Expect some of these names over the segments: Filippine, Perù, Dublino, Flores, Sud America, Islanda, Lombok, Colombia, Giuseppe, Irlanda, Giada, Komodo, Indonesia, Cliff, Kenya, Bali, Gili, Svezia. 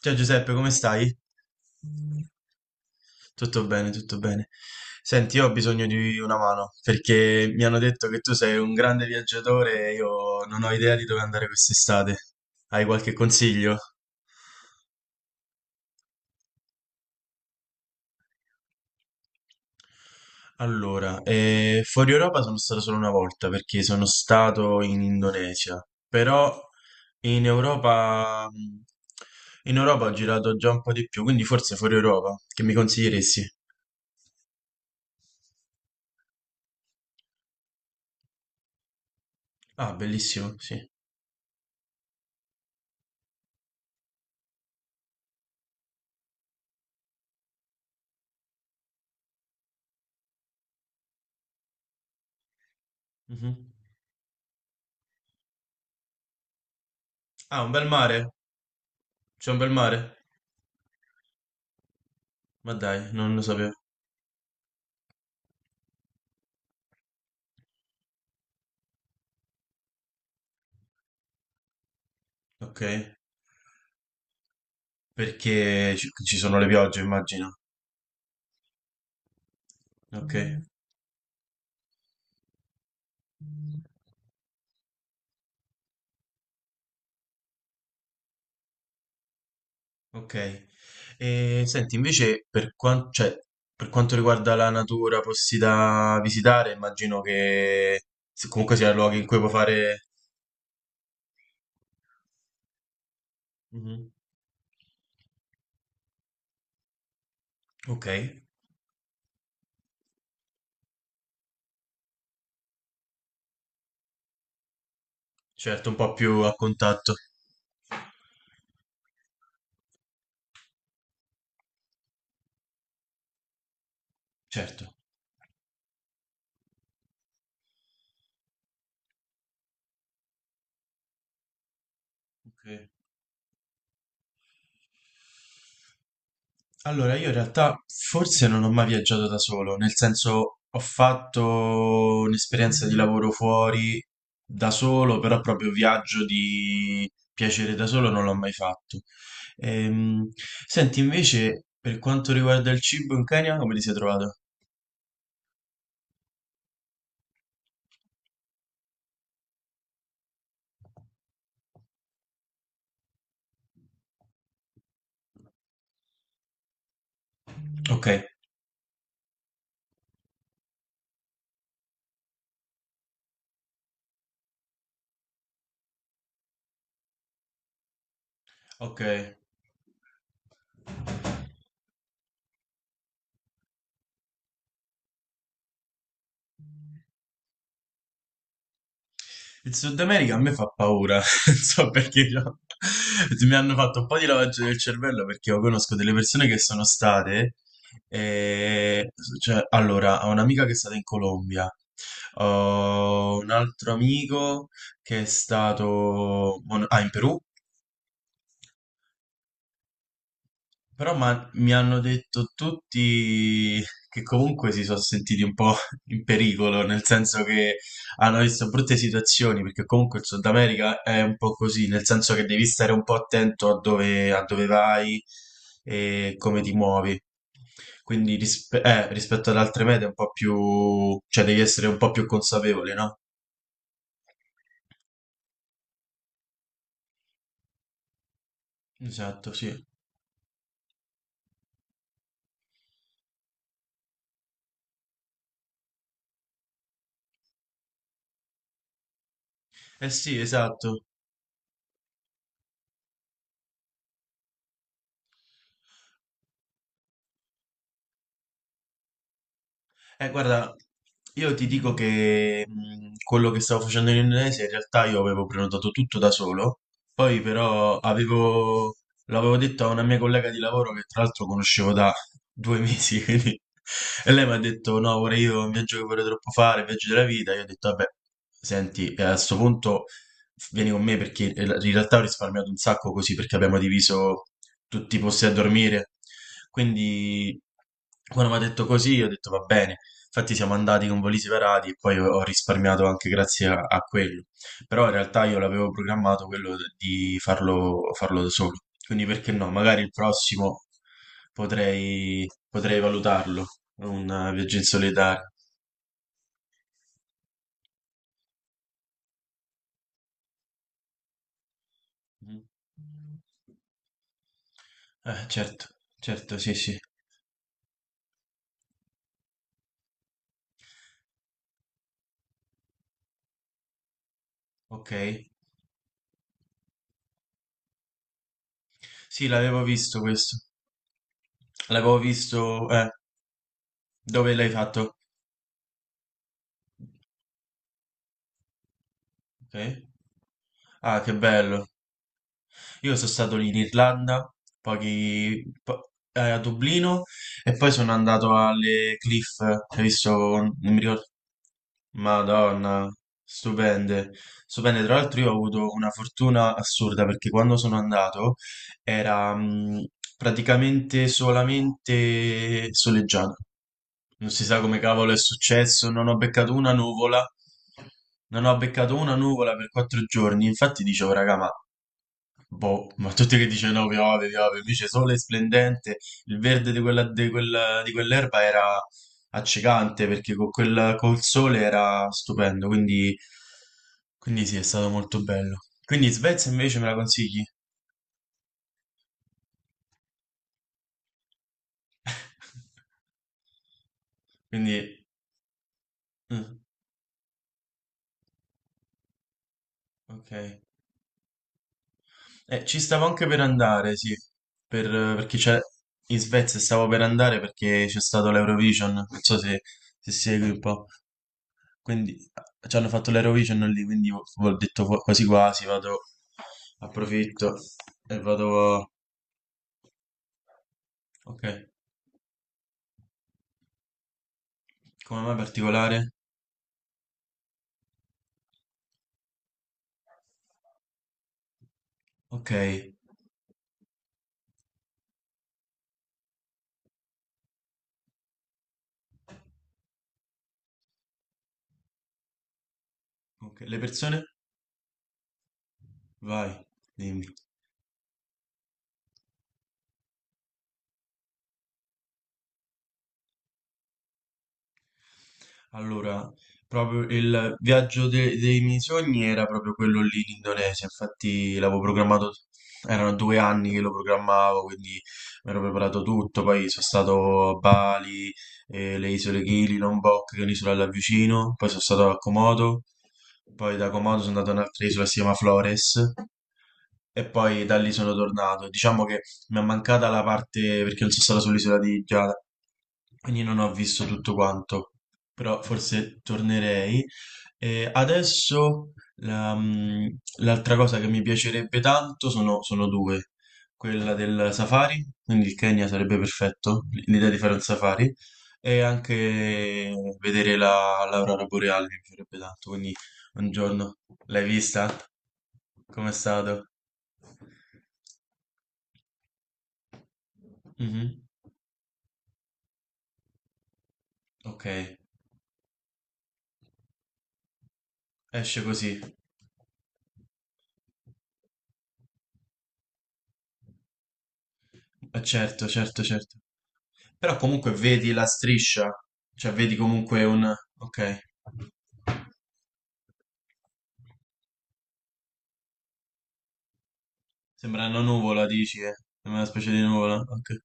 Ciao Giuseppe, come stai? Tutto bene, tutto bene. Senti, io ho bisogno di una mano perché mi hanno detto che tu sei un grande viaggiatore e io non ho idea di dove andare quest'estate. Hai qualche consiglio? Allora, fuori Europa sono stato solo una volta perché sono stato in Indonesia, però in Europa, in Europa ho girato già un po' di più, quindi forse fuori Europa, che mi consiglieresti? Ah, bellissimo, sì. Mhm. Ah, un bel mare. C'è un bel mare? Ma dai, non lo sapevo. Ok. Perché ci sono le piogge, immagino. Ok. Mhm. Ok. E senti, invece, cioè, per quanto riguarda la natura, posti da visitare, immagino che comunque sia luoghi in cui puoi fare. Mhm. Ok. Certo, un po' più a contatto. Certo. Ok. Allora, io in realtà forse non ho mai viaggiato da solo, nel senso ho fatto un'esperienza di lavoro fuori da solo, però proprio viaggio di piacere da solo non l'ho mai fatto. Ehm, Senti, invece, per quanto riguarda il cibo in Kenya, come ti sei trovato? Ok, ok. Il Sud America a me fa paura, non so perché mi hanno fatto un po' di lavaggio del cervello perché io conosco delle persone che sono state, e, cioè, allora, ho un'amica che è stata in Colombia, ho un altro amico che è stato, ah, in Perù, però mi hanno detto tutti che comunque si sono sentiti un po' in pericolo, nel senso che hanno visto brutte situazioni, perché comunque il Sud America è un po' così, nel senso che devi stare un po' attento a dove vai e come ti muovi. Quindi rispetto ad altre mete è un po' più, cioè devi essere un po' più consapevole, no? Esatto, sì. Eh sì, esatto. Guarda, io ti dico che quello che stavo facendo in Indonesia in realtà io avevo prenotato tutto da solo, poi però l'avevo detto a una mia collega di lavoro che tra l'altro conoscevo da 2 mesi, quindi, e lei mi ha detto no, vorrei io un viaggio che vorrei troppo fare, un viaggio della vita, io ho detto vabbè, senti, a sto punto vieni con me perché in realtà ho risparmiato un sacco così perché abbiamo diviso tutti i posti a dormire. Quindi quando mi ha detto così, ho detto va bene. Infatti siamo andati con voli separati e poi ho risparmiato anche grazie a quello. Però in realtà io l'avevo programmato quello di farlo, farlo da solo. Quindi perché no? Magari il prossimo potrei valutarlo, un viaggio in solitario. Mm. Certo, certo, sì, sì. Ok. Sì, l'avevo visto questo. L'avevo visto, dove l'hai fatto? Ok. Ah, che bello. Io sono stato lì in Irlanda, a Dublino e poi sono andato alle Cliff, hai visto? Non mi ricordo. Madonna, stupende. Stupende, tra l'altro io ho avuto una fortuna assurda perché quando sono andato era praticamente solamente soleggiato. Non si sa come cavolo è successo, non ho beccato una nuvola, non ho beccato una nuvola per 4 giorni. Infatti dicevo, raga, ma boh, ma tutti che dicono "No, piove, piove, invece sole splendente, il verde di quell'erba era accecante perché con quel, col sole era stupendo, quindi, quindi sì, è stato molto bello. Quindi Svezia invece me la consigli? Quindi, mm, ok. Ci stavo anche per andare, sì, per, perché c'è in Svezia stavo per andare perché c'è stato l'Eurovision, non so se segui un po'. Quindi ci hanno fatto l'Eurovision lì, quindi ho detto quasi quasi, vado, approfitto e vado. Ok, come mai particolare? Ok, ok, le persone? Vai, dimmi. Allora, proprio il viaggio dei miei sogni era proprio quello lì in Indonesia, infatti l'avevo programmato, erano 2 anni che lo programmavo, quindi mi ero preparato tutto, poi sono stato a Bali, le isole Gili, Lombok, che è un'isola là vicino, poi sono stato a Komodo, poi da Komodo sono andato a un'altra isola che si chiama Flores, e poi da lì sono tornato. Diciamo che mi è mancata la parte perché non sono stato sull'isola di Giada, quindi non ho visto tutto quanto però forse tornerei. E adesso l'altra cosa che mi piacerebbe tanto sono due. Quella del safari, quindi il Kenya sarebbe perfetto, l'idea di fare un safari, e anche vedere l'aurora boreale mi piacerebbe tanto, quindi un giorno l'hai vista? Com'è stato? Mhm. Ok, esce così. Certo, certo, certo. Però comunque vedi la striscia, cioè vedi comunque un. Ok, sembra una nuvola, dici, eh? Sembra una specie di nuvola, ok.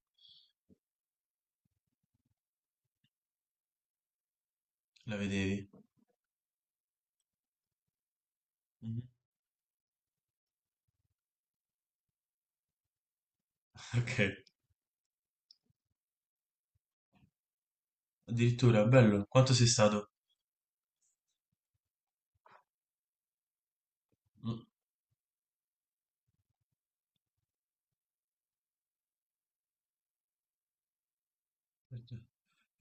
La vedevi. Mhm. Ok, addirittura, bello. Quanto sei stato? Mm.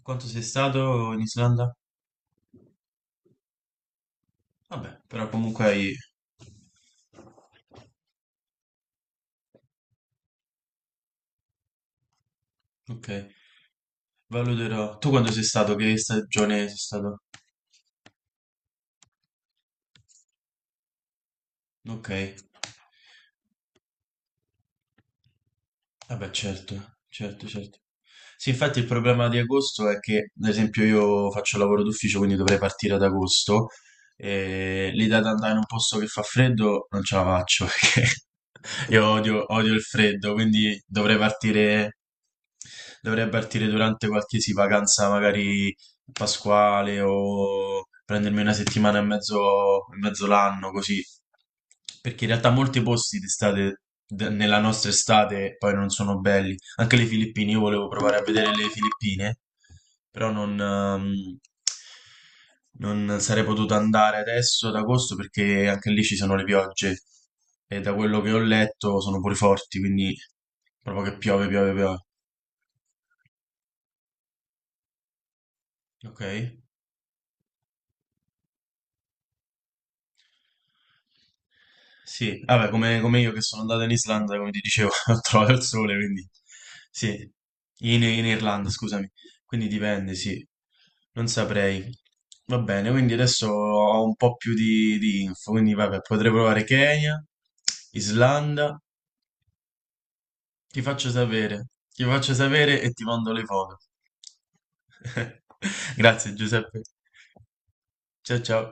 Quanto sei stato in Islanda? Vabbè, però comunque hai. Ok, valuterò. Tu quando sei stato? Che stagione sei stato? Ok. Ah beh, certo, certo, certo. Sì, infatti il problema di agosto è che, ad esempio, io faccio lavoro d'ufficio, quindi dovrei partire ad agosto e l'idea di andare in un posto che fa freddo non ce la faccio perché io odio, odio il freddo, quindi dovrei partire durante qualsiasi vacanza magari pasquale o prendermi una settimana e mezzo l'anno, così. Perché in realtà molti posti d'estate, nella nostra estate, poi non sono belli. Anche le Filippine, io volevo provare a vedere le Filippine, però non sarei potuto andare adesso ad agosto perché anche lì ci sono le piogge. E da quello che ho letto sono pure forti, quindi proprio che piove, piove, piove. Ok? Sì, vabbè, come io che sono andato in Islanda, come ti dicevo, ho trovato il sole, quindi sì, in Irlanda, scusami, quindi dipende, sì, non saprei. Va bene, quindi adesso ho un po' più di info, quindi vabbè, potrei provare Kenya, Islanda, ti faccio sapere, ti faccio sapere e ti mando le foto. Grazie Giuseppe. Ciao ciao.